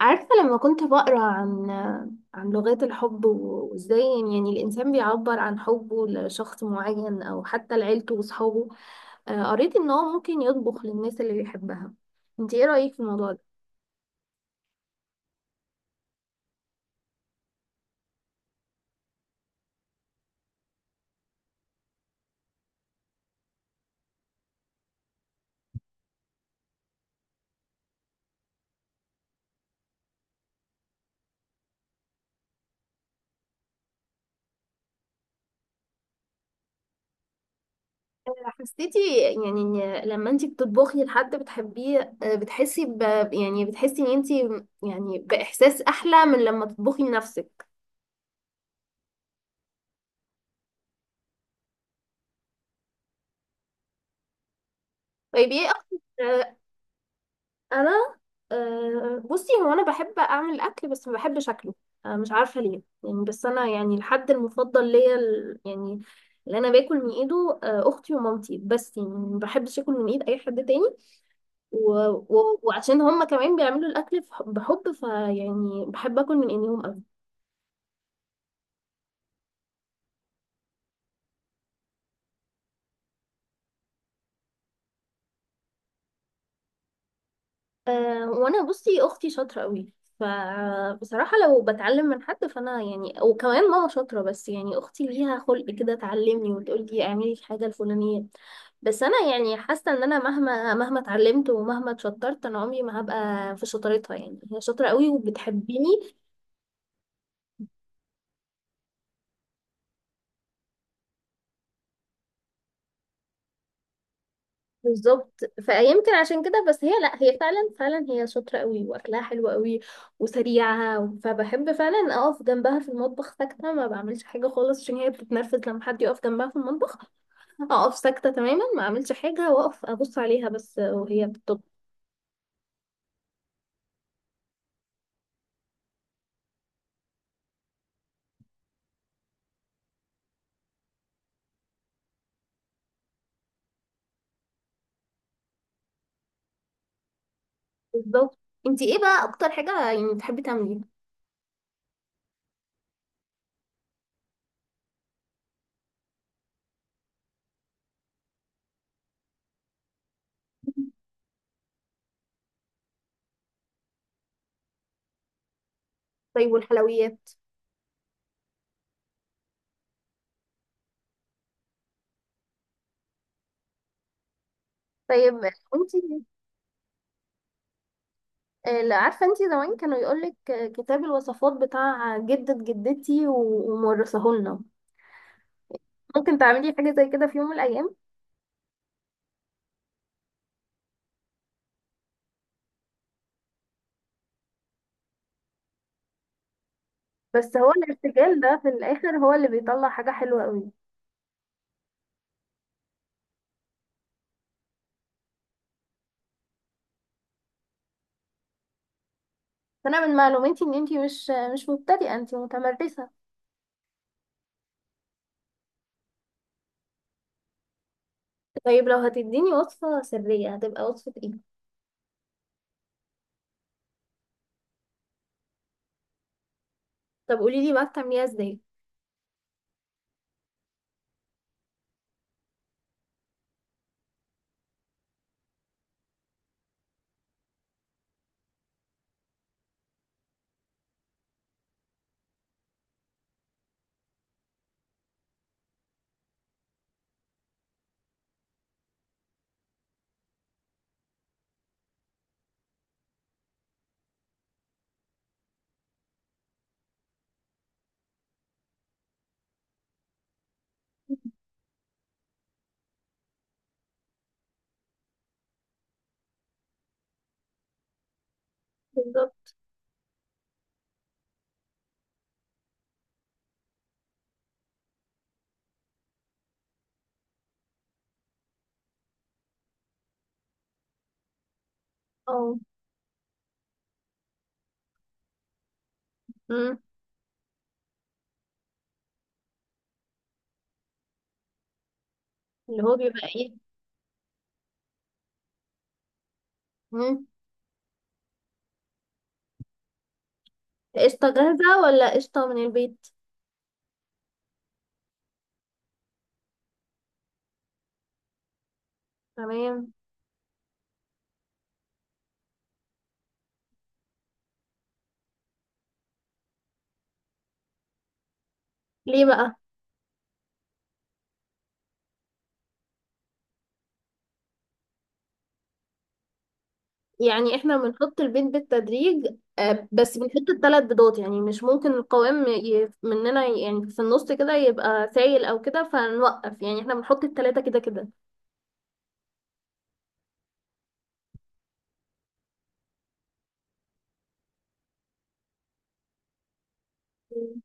عارفة؟ لما كنت بقرأ عن لغات الحب وازاي يعني الإنسان بيعبر عن حبه لشخص معين أو حتى لعيلته وصحابه، قريت إن هو ممكن يطبخ للناس اللي بيحبها. انت ايه رأيك في الموضوع ده؟ حسيتي يعني إن لما انت بتطبخي لحد بتحبيه، بتحسي يعني بتحسي ان انت يعني بإحساس أحلى من لما تطبخي لنفسك؟ طيب، ايه أكتر؟ انا بصي، هو انا بحب اعمل الاكل بس ما بحب شكله. مش عارفه ليه يعني، بس انا يعني الحد المفضل ليا يعني، اللي انا باكل من ايده اختي ومامتي، بس يعني ما بحبش اكل من ايد اي حد تاني. وعشان هما كمان بيعملوا الاكل بحب، فيعني بحب اكل من ايديهم أوي. وانا بصي، اختي شاطره قوي، فبصراحه لو بتعلم من حد فانا يعني، وكمان ماما شاطره، بس يعني اختي ليها خلق كده تعلمني وتقول لي اعملي الحاجه الفلانيه. بس انا يعني حاسه ان انا مهما اتعلمت ومهما اتشطرت، انا عمري ما هبقى في شطارتها، يعني هي شاطره قوي وبتحبني. بالظبط، فيمكن عشان كده، بس هي، لا، هي فعلا فعلا هي شاطرة قوي واكلها حلو قوي وسريعة، فبحب فعلا اقف جنبها في المطبخ ساكتة ما بعملش حاجة خالص، عشان هي بتتنرفز لما حد يقف جنبها في المطبخ. اقف ساكتة تماما، ما اعملش حاجة، واقف ابص عليها بس وهي بتطبخ. بالظبط. انتي ايه بقى اكتر حاجة يعني بتحبي تعمليها؟ طيب، والحلويات؟ طيب. انتي، لا عارفه، انتي زمان كانوا يقولك كتاب الوصفات بتاع جدة جدتي ومورثاه لنا، ممكن تعملي حاجة زي كده في يوم من الأيام؟ بس هو الارتجال ده في الآخر هو اللي بيطلع حاجة حلوة قوي. فأنا من معلوماتي إن أنتي مش مبتدئة، أنتي متمرسة. طيب لو هتديني وصفة سرية، هتبقى وصفة إيه؟ طب قولي لي بقى، بتعمليها ازاي؟ بالظبط. اه. امم. اللي هو بيبقى ايه؟ امم. قشطه جاهزه ولا قشطه من البيت؟ تمام. ليه بقى؟ يعني احنا بنحط البيض بالتدريج؟ بس بنحط الثلاث بيضات، يعني مش ممكن القوام مننا يعني في النص كده يبقى سايل او كده فنوقف، يعني احنا بنحط الثلاثة كده كده؟ مم.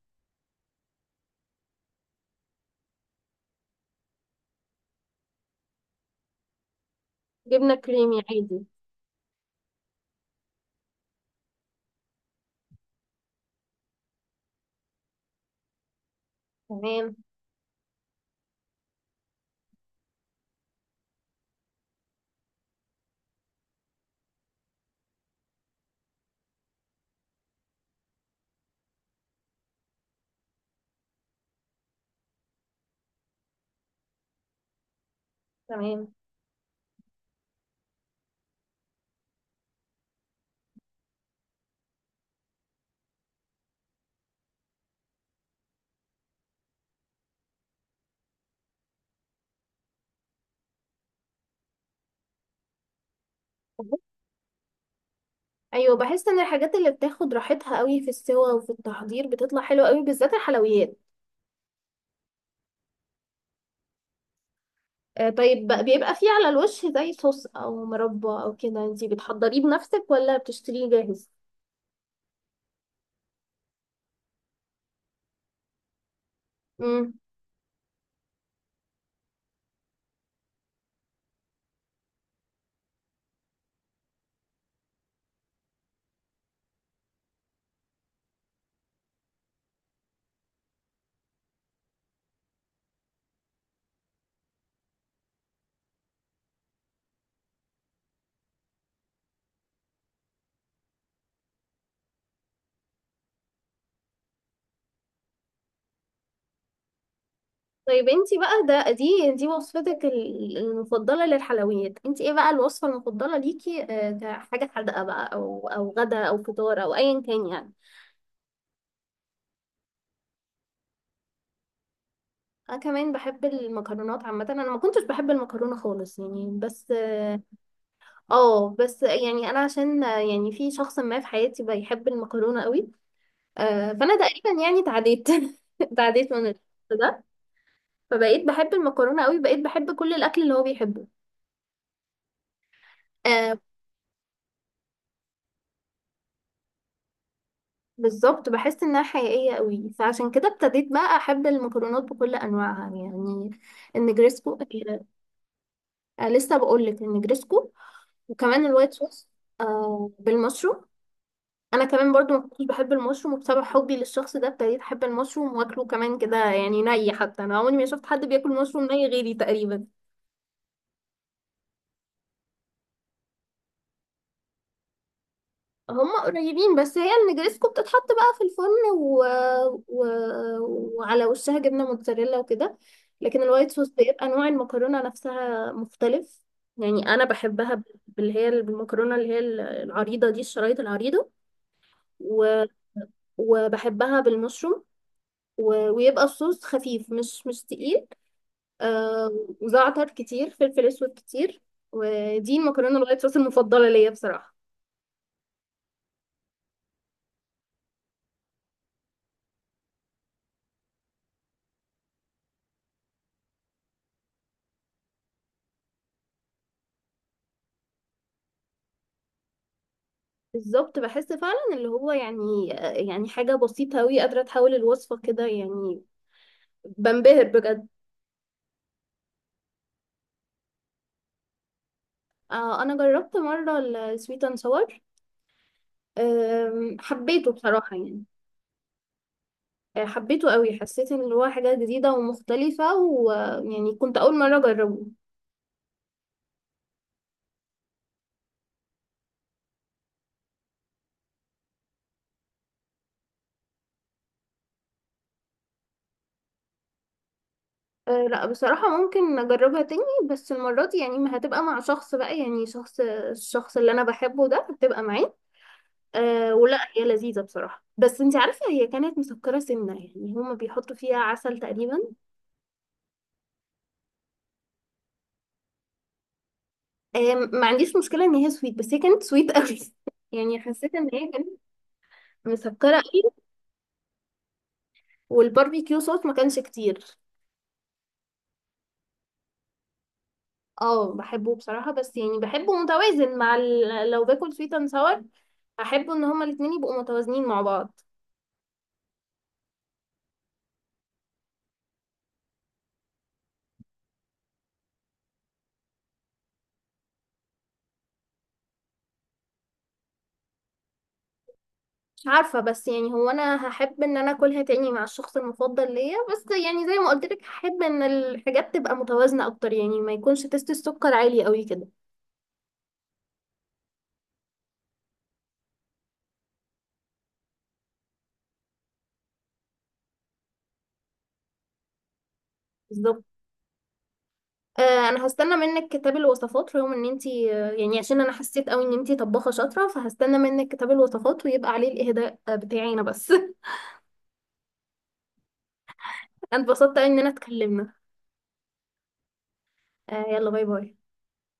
جبنة كريمي عادي؟ تمام. تمام. ايوه، بحس ان الحاجات اللي بتاخد راحتها قوي في السوا وفي التحضير بتطلع حلوه قوي، بالذات الحلويات. طيب، بيبقى فيه على الوش زي صوص او مربى او كده، انتي بتحضريه بنفسك ولا بتشتريه جاهز؟ طيب انتي بقى، ده دي دي وصفتك المفضلة للحلويات، انتي ايه بقى الوصفة المفضلة ليكي كحاجة حادقة بقى او غدا او فطار او ايا كان يعني؟ انا كمان بحب المكرونات عامة، انا ما كنتش بحب المكرونة خالص يعني، بس اه. بس يعني انا عشان يعني في شخص ما في حياتي بيحب المكرونة قوي. فانا تقريبا يعني تعديت. تعديت من الشخص ده، فبقيت بحب المكرونة قوي، بقيت بحب كل الاكل اللي هو بيحبه. آه، بالظبط، بحس انها حقيقيه قوي، فعشان كده ابتديت بقى احب المكرونات بكل انواعها، يعني النجريسكو. لسه بقول لك النجريسكو، وكمان الوايت صوص. بالمشروم. انا كمان برضو ما كنتش بحب المشروم، وبسبب حبي للشخص ده ابتديت احب المشروم واكله كمان كده يعني، حتى انا عمري ما شفت حد بياكل مشروم غيري تقريبا. هم قريبين، بس هي النجريسكو بتتحط بقى في الفرن و... وعلى وشها جبنة موتزاريلا وكده. لكن الوايت صوص بيبقى نوع المكرونة نفسها مختلف. يعني أنا بحبها باللي هي المكرونة اللي هي العريضة دي، الشرايط العريضة، و... وبحبها بالمشروم، ويبقى الصوص خفيف، مش تقيل، آه... وزعتر كتير فلفل أسود كتير. ودي المكرونة الوايت صوص المفضلة ليا بصراحة. بالظبط، بحس فعلا اللي هو يعني حاجة بسيطة أوي قادرة تحول الوصفة كده يعني، بنبهر بجد. أنا جربت مرة السويت أند ساور، حبيته بصراحة يعني. حبيته أوي، حسيت إن هو حاجة جديدة ومختلفة، ويعني كنت أول مرة أجربه. لا، بصراحة ممكن أجربها تاني، بس المرة دي يعني ما هتبقى مع شخص بقى، يعني الشخص اللي أنا بحبه ده هتبقى معاه. ولا هي لذيذة بصراحة، بس انت عارفة هي كانت مسكرة سنة يعني، هما بيحطوا فيها عسل تقريبا. ما عنديش مشكلة ان هي سويت، بس هي كانت سويت قوي. يعني حسيت ان هي كانت مسكرة قوي. والباربيكيو صوص ما كانش كتير. اه، بحبه بصراحة، بس يعني بحبه متوازن مع لو باكل سويت اند ساور احب ان هما الاتنين يبقوا متوازنين مع بعض. عارفة، بس يعني هو انا هحب ان انا اكلها تاني مع الشخص المفضل ليا، بس يعني زي ما قلت لك هحب ان الحاجات تبقى متوازنة اكتر، يعني ما يكونش تست السكر عالي قوي كده. بالظبط. انا هستنى منك كتاب الوصفات، رغم ان انتي يعني عشان انا حسيت قوي ان انتي طباخة شاطرة، فهستنى منك كتاب الوصفات ويبقى عليه الاهداء بتاعي انا بس. انا اتبسطت قوي ان انا اتكلمنا. يلا، باي باي.